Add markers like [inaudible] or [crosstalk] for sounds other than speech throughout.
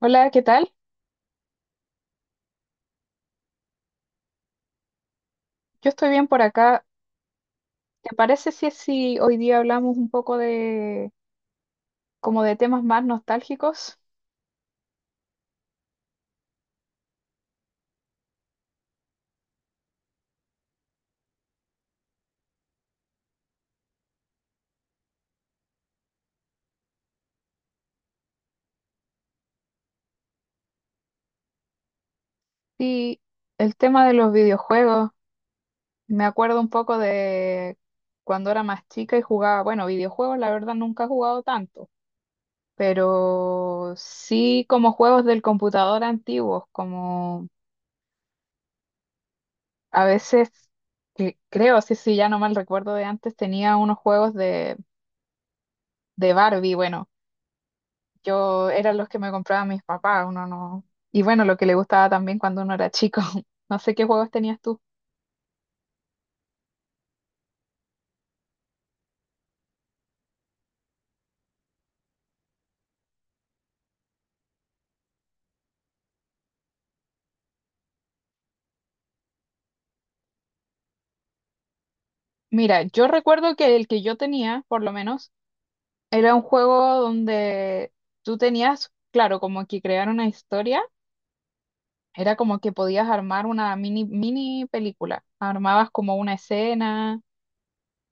Hola, ¿qué tal? Yo estoy bien por acá. ¿Te parece si hoy día hablamos un poco de como de temas más nostálgicos? Sí, el tema de los videojuegos. Me acuerdo un poco de cuando era más chica y jugaba, bueno, videojuegos la verdad nunca he jugado tanto, pero sí como juegos del computador antiguos, como a veces, que creo, ya no mal recuerdo de antes, tenía unos juegos de Barbie, bueno. Yo eran los que me compraban mis papás, uno no. Y bueno, lo que le gustaba también cuando uno era chico. [laughs] No sé qué juegos tenías tú. Mira, yo recuerdo que el que yo tenía, por lo menos, era un juego donde tú tenías, claro, como que crear una historia. Era como que podías armar una mini película. Armabas como una escena.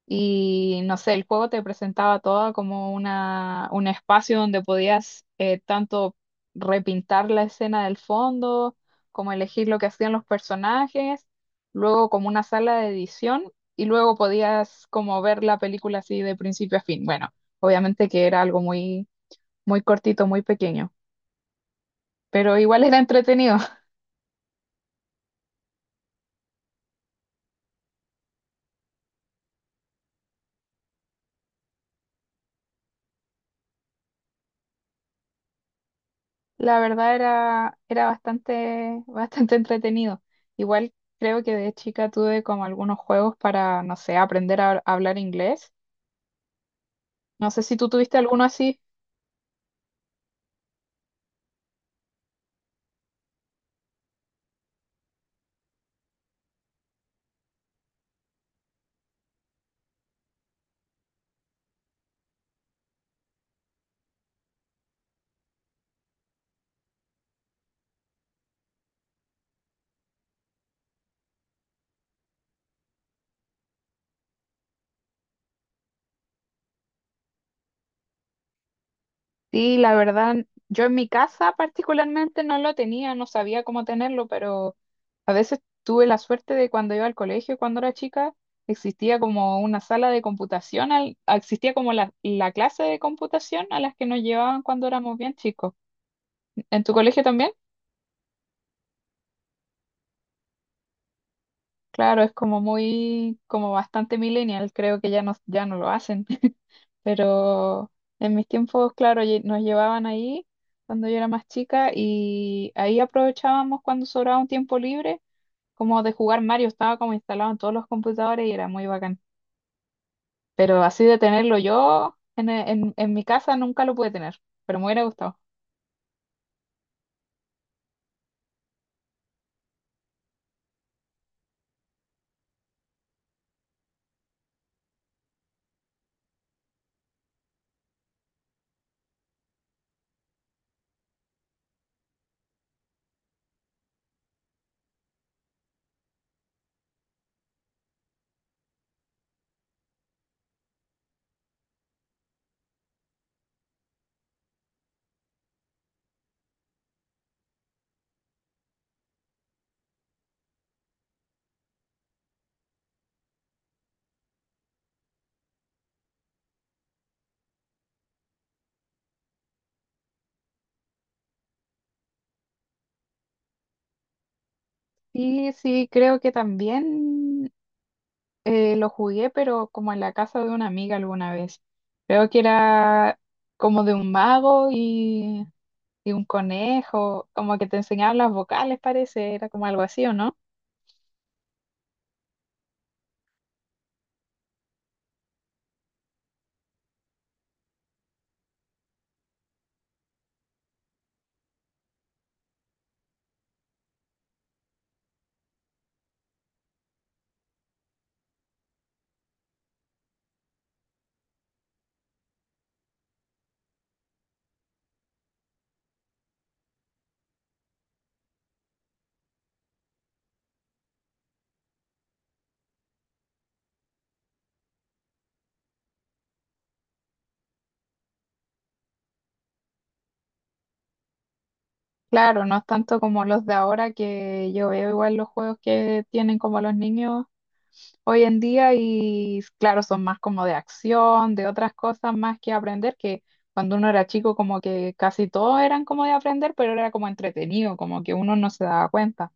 Y no sé, el juego te presentaba todo como una, un espacio donde podías tanto repintar la escena del fondo, como elegir lo que hacían los personajes, luego como una sala de edición y luego podías como ver la película así de principio a fin. Bueno, obviamente que era algo muy, muy cortito, muy pequeño, pero igual era entretenido. La verdad era bastante, [laughs] bastante entretenido. Igual creo que de chica tuve como algunos juegos para, no sé, aprender a, hablar inglés. No sé si tú tuviste alguno así. Sí, la verdad, yo en mi casa particularmente no lo tenía, no sabía cómo tenerlo, pero a veces tuve la suerte de cuando iba al colegio, cuando era chica, existía como una sala de computación, existía como la clase de computación a las que nos llevaban cuando éramos bien chicos. ¿En tu colegio también? Claro, es como muy, como bastante millennial, creo que ya no lo hacen, [laughs] pero en mis tiempos, claro, nos llevaban ahí cuando yo era más chica y ahí aprovechábamos cuando sobraba un tiempo libre, como de jugar Mario, estaba como instalado en todos los computadores y era muy bacán, pero así de tenerlo yo en mi casa nunca lo pude tener, pero me hubiera gustado. Y sí, creo que también. Lo jugué, pero como en la casa de una amiga alguna vez. Creo que era como de un mago y un conejo, como que te enseñaban las vocales, parece, era como algo así, ¿o no? Claro, no es tanto como los de ahora que yo veo igual los juegos que tienen como los niños hoy en día y claro, son más como de acción, de otras cosas más que aprender, que cuando uno era chico como que casi todos eran como de aprender, pero era como entretenido, como que uno no se daba cuenta.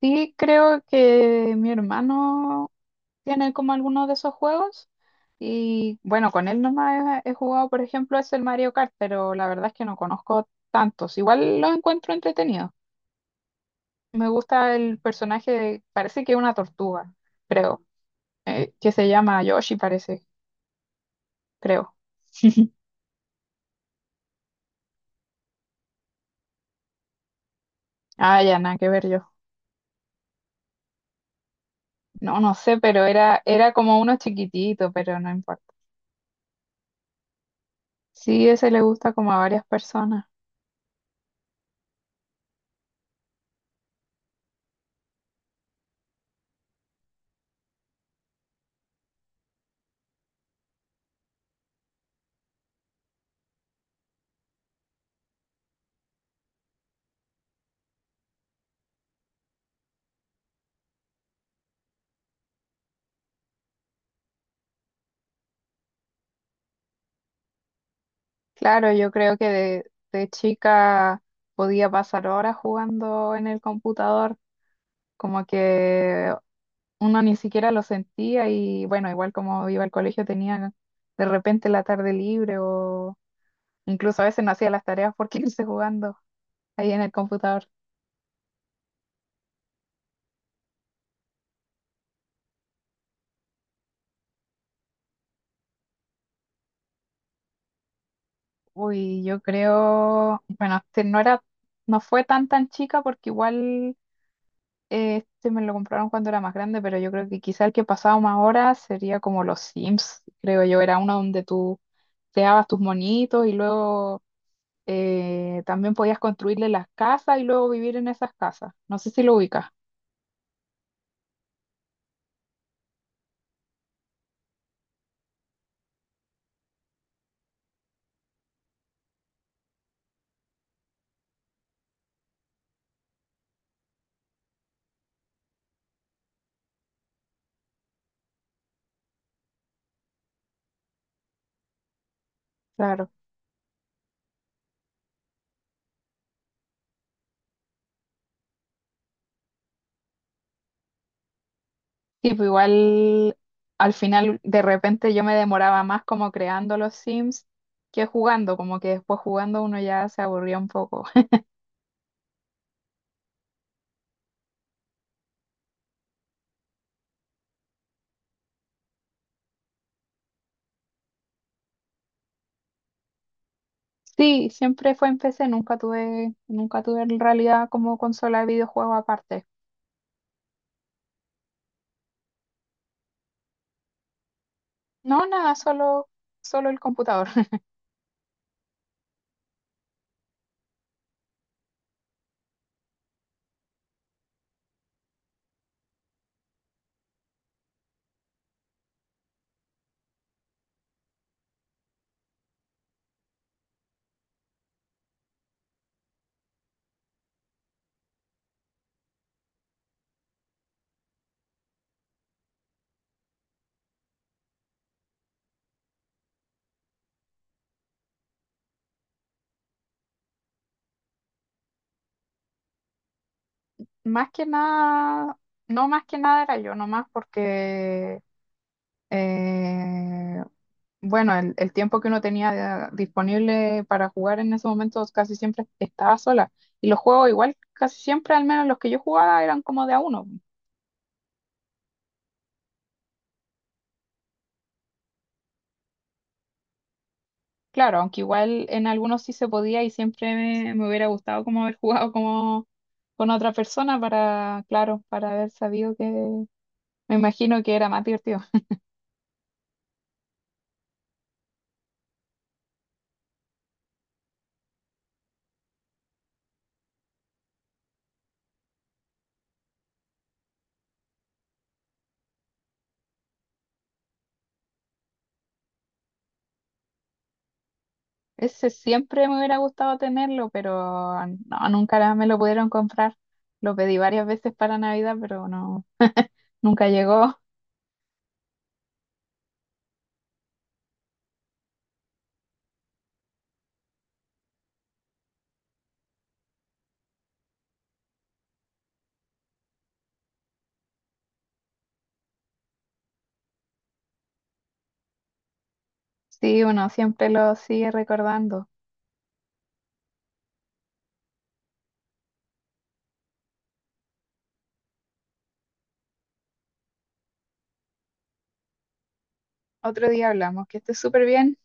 Sí, creo que mi hermano tiene como algunos de esos juegos y bueno, con él nomás he jugado, por ejemplo, es el Mario Kart, pero la verdad es que no conozco tantos. Igual los encuentro entretenidos. Me gusta el personaje, parece que es una tortuga, creo, que se llama Yoshi, parece, creo. [laughs] Ah, ya, nada que ver yo. No, no sé, pero era como uno chiquitito, pero no importa. Sí, ese le gusta como a varias personas. Claro, yo creo que de chica podía pasar horas jugando en el computador, como que uno ni siquiera lo sentía y bueno, igual como iba al colegio tenía de repente la tarde libre o incluso a veces no hacía las tareas por [laughs] irse jugando ahí en el computador. Uy, yo creo, bueno, este, no fue tan tan chica porque igual este me lo compraron cuando era más grande, pero yo creo que quizá el que pasaba más horas sería como los Sims, creo yo. Era uno donde tú creabas tus monitos y luego también podías construirle las casas y luego vivir en esas casas. No sé si lo ubicas. Claro. Sí, pues igual al final de repente yo me demoraba más como creando los Sims que jugando, como que después jugando uno ya se aburría un poco. [laughs] Sí, siempre fue en PC, nunca tuve en realidad como consola de videojuego aparte. No, nada, solo, solo el computador. [laughs] Más que nada, no más que nada era yo, nomás porque, eh, bueno, el tiempo que uno tenía disponible para jugar en ese momento casi siempre estaba sola. Y los juegos igual, casi siempre, al menos los que yo jugaba, eran como de a uno. Claro, aunque igual en algunos sí se podía y siempre me hubiera gustado como haber [laughs] jugado como con otra persona para, claro, para haber sabido que, me imagino que era más divertido. Ese siempre me hubiera gustado tenerlo, pero no, nunca la- me lo pudieron comprar. Lo pedí varias veces para Navidad, pero no, nunca llegó. [laughs] Sí, uno siempre lo sigue recordando. Otro día hablamos, que estés súper bien.